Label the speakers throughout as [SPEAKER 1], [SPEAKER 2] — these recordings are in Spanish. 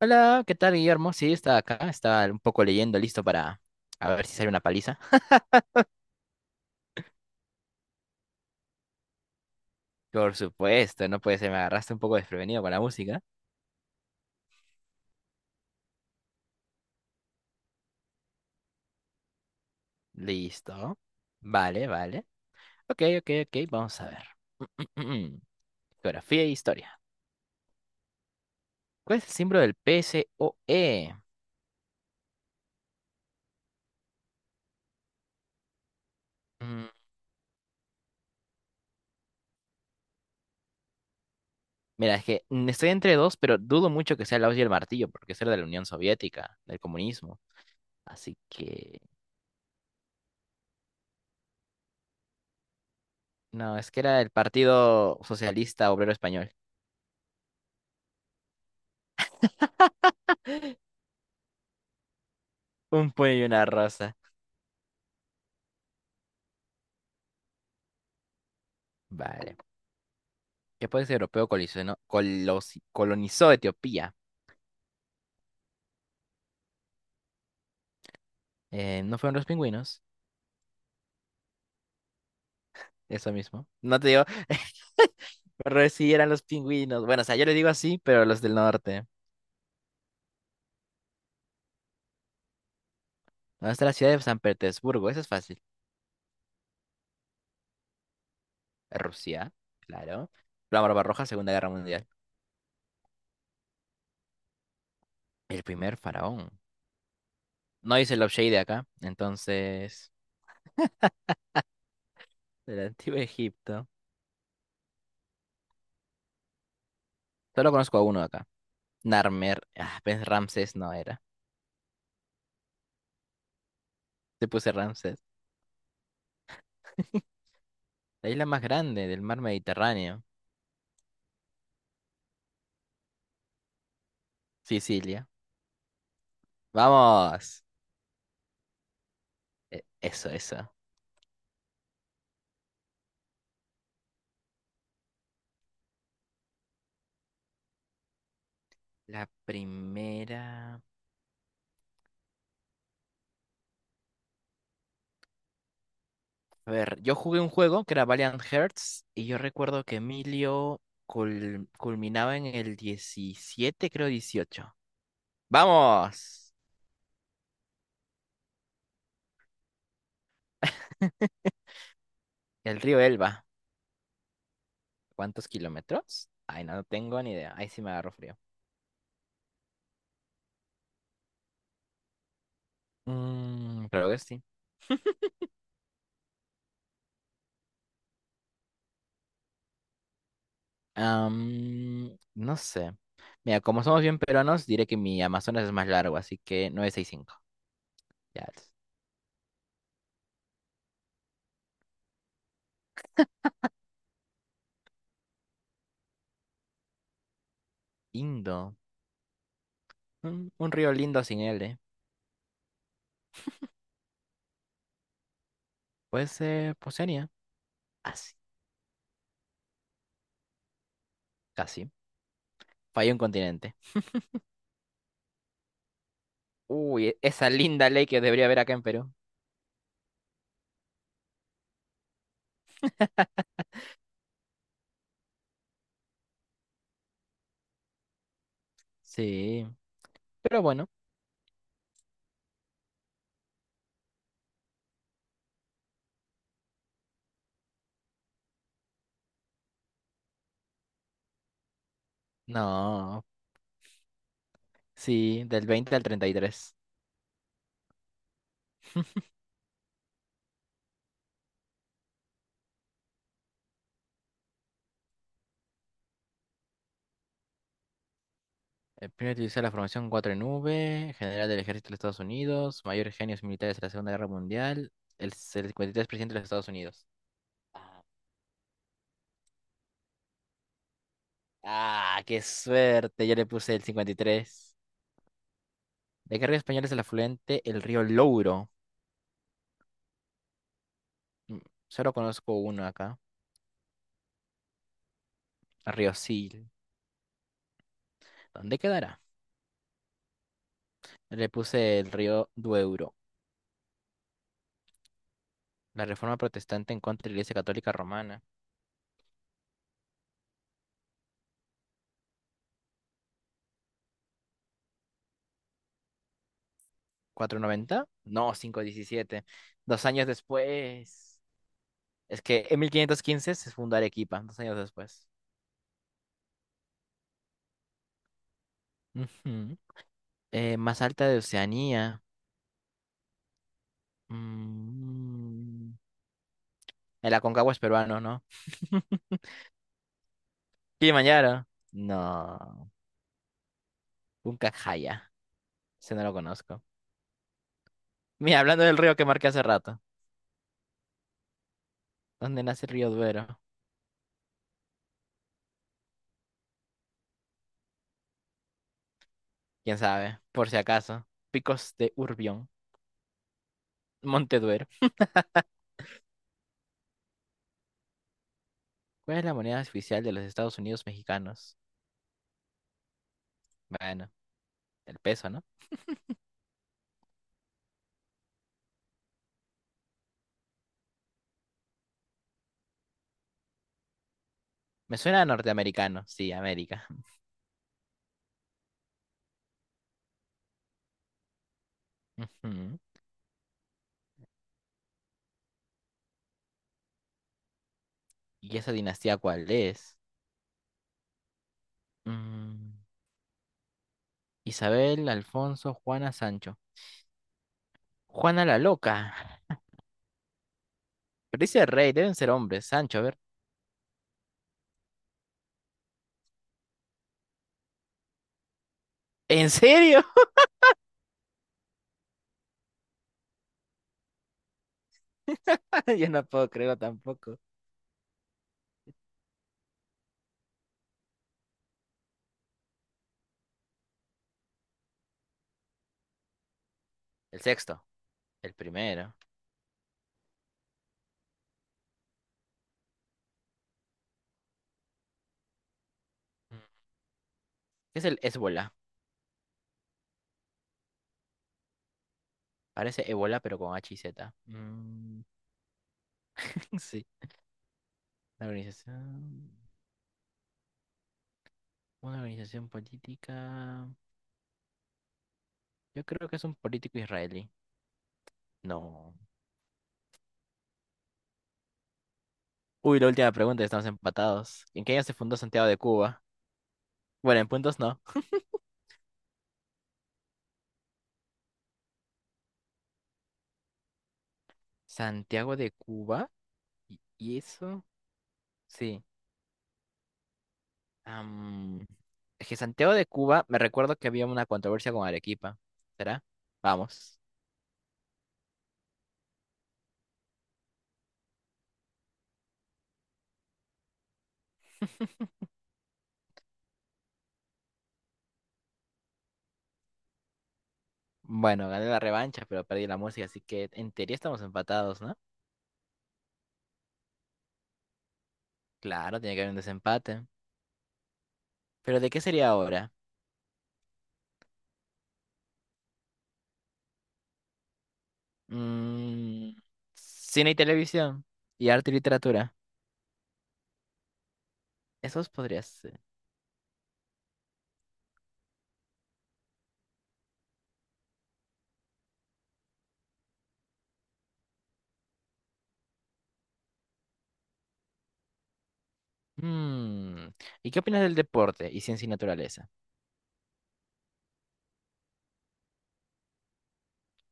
[SPEAKER 1] Hola, ¿qué tal, Guillermo? Sí, estaba acá, estaba un poco leyendo, listo para a ver si sale una paliza. Por supuesto, no puede ser, me agarraste un poco desprevenido con la música. Listo. Vale, vale. Ok, ok, ok, vamos a ver. Geografía e historia. ¿Cuál es el símbolo del PSOE? Mm, Mira, es que estoy entre dos, pero dudo mucho que sea el auge y el martillo, porque eso era de la Unión Soviética, del comunismo. Así que... No, es que era el Partido Socialista Obrero Español. Un puño y una rosa. Vale. ¿Qué país europeo colisionó- colosi colonizó Etiopía? ¿No fueron los pingüinos? Eso mismo. No te digo, pero sí eran los pingüinos. Bueno, o sea, yo le digo así, pero los del norte. ¿Dónde está la ciudad de San Petersburgo? Eso es fácil. Rusia, claro. La Barbarroja, Segunda Guerra Mundial. El primer faraón. No dice Love Shady acá, entonces. Del Antiguo Egipto. Solo conozco a uno acá. Narmer. Ah, pues Ramsés no era. Te puse Ramsés. La isla más grande del mar Mediterráneo. Sicilia. Vamos. Eso, eso. La primera. A ver, yo jugué un juego que era Valiant Hearts y yo recuerdo que Emilio culminaba en el 17 creo 18. ¡Vamos! El río Elba. ¿Cuántos kilómetros? Ay, no, no tengo ni idea. Ahí sí me agarro frío. Creo que sí. No sé. Mira, como somos bien peruanos, diré que mi Amazonas es más largo, así que 965. Ya. Lindo. Un río lindo sin L. Puede ser Oceanía. Así, casi. Falló un continente. Uy, esa linda ley que debería haber acá en Perú. Sí, pero bueno. No, sí, del 20 al 33. El primero utilizó la formación 4 en V, general del ejército de los Estados Unidos, mayor genios militares de la Segunda Guerra Mundial, el 53% de los Estados Unidos. Ah, ah, qué suerte, yo le puse el 53. De qué río español es el afluente, el río Louro. Mm, Solo conozco uno acá, el río Sil. ¿Dónde quedará? Le puse el río Duero. La reforma protestante en contra de la Iglesia Católica Romana. ¿490? No, 517. 2 años después. Es que en 1515 se fundó Arequipa, 2 años después. Ujú. Más alta de Oceanía. Mm. El Aconcagua es peruano, ¿no? Kilimanjaro. No. Puncajaya. Ese no lo conozco. Mira, hablando del río que marqué hace rato. ¿Dónde nace el río Duero? ¿Quién sabe? Por si acaso. Picos de Urbión. Monteduero. ¿Cuál es la moneda oficial de los Estados Unidos mexicanos? Bueno, el peso, ¿no? Me suena a norteamericano. Sí, América. Ujú. ¿Y esa dinastía cuál es? Mm, Isabel, Alfonso, Juana, Sancho. Juana la loca. Pero dice rey, deben ser hombres. Sancho, a ver. ¿En serio? Yo no puedo creerlo tampoco. El sexto. El primero. Mm. ¿Qué es el Ébola? Parece Ébola, pero con H y Z. Mm, Sí. La organización. Una organización política. Yo creo que es un político israelí. No. Uy, la última pregunta, estamos empatados. ¿En qué año se fundó Santiago de Cuba? Bueno, en puntos no. Santiago de Cuba. ¿Y eso? Sí. Am, es que Santiago de Cuba, me recuerdo que había una controversia con Arequipa. ¿Será? Vamos. Bueno, gané la revancha, pero perdí la música, así que en teoría estamos empatados, ¿no? Claro, tiene que haber un desempate. ¿Pero de qué sería ahora? Mm, cine y televisión y arte y literatura. Esos podrías. Mm, ¿Y qué opinas del deporte y ciencia y naturaleza?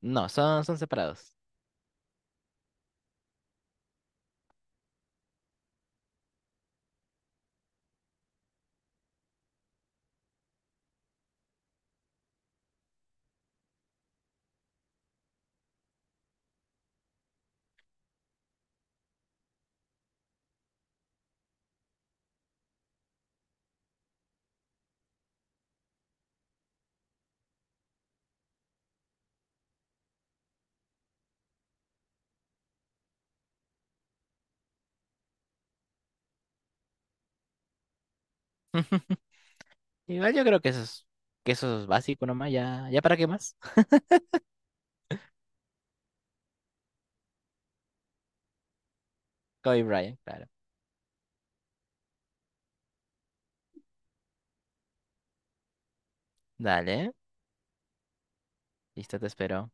[SPEAKER 1] No, son separados. Igual yo creo que que eso es básico nomás, ya, ¿ya para qué más? Kobe Bryant, claro. Dale, listo, te espero.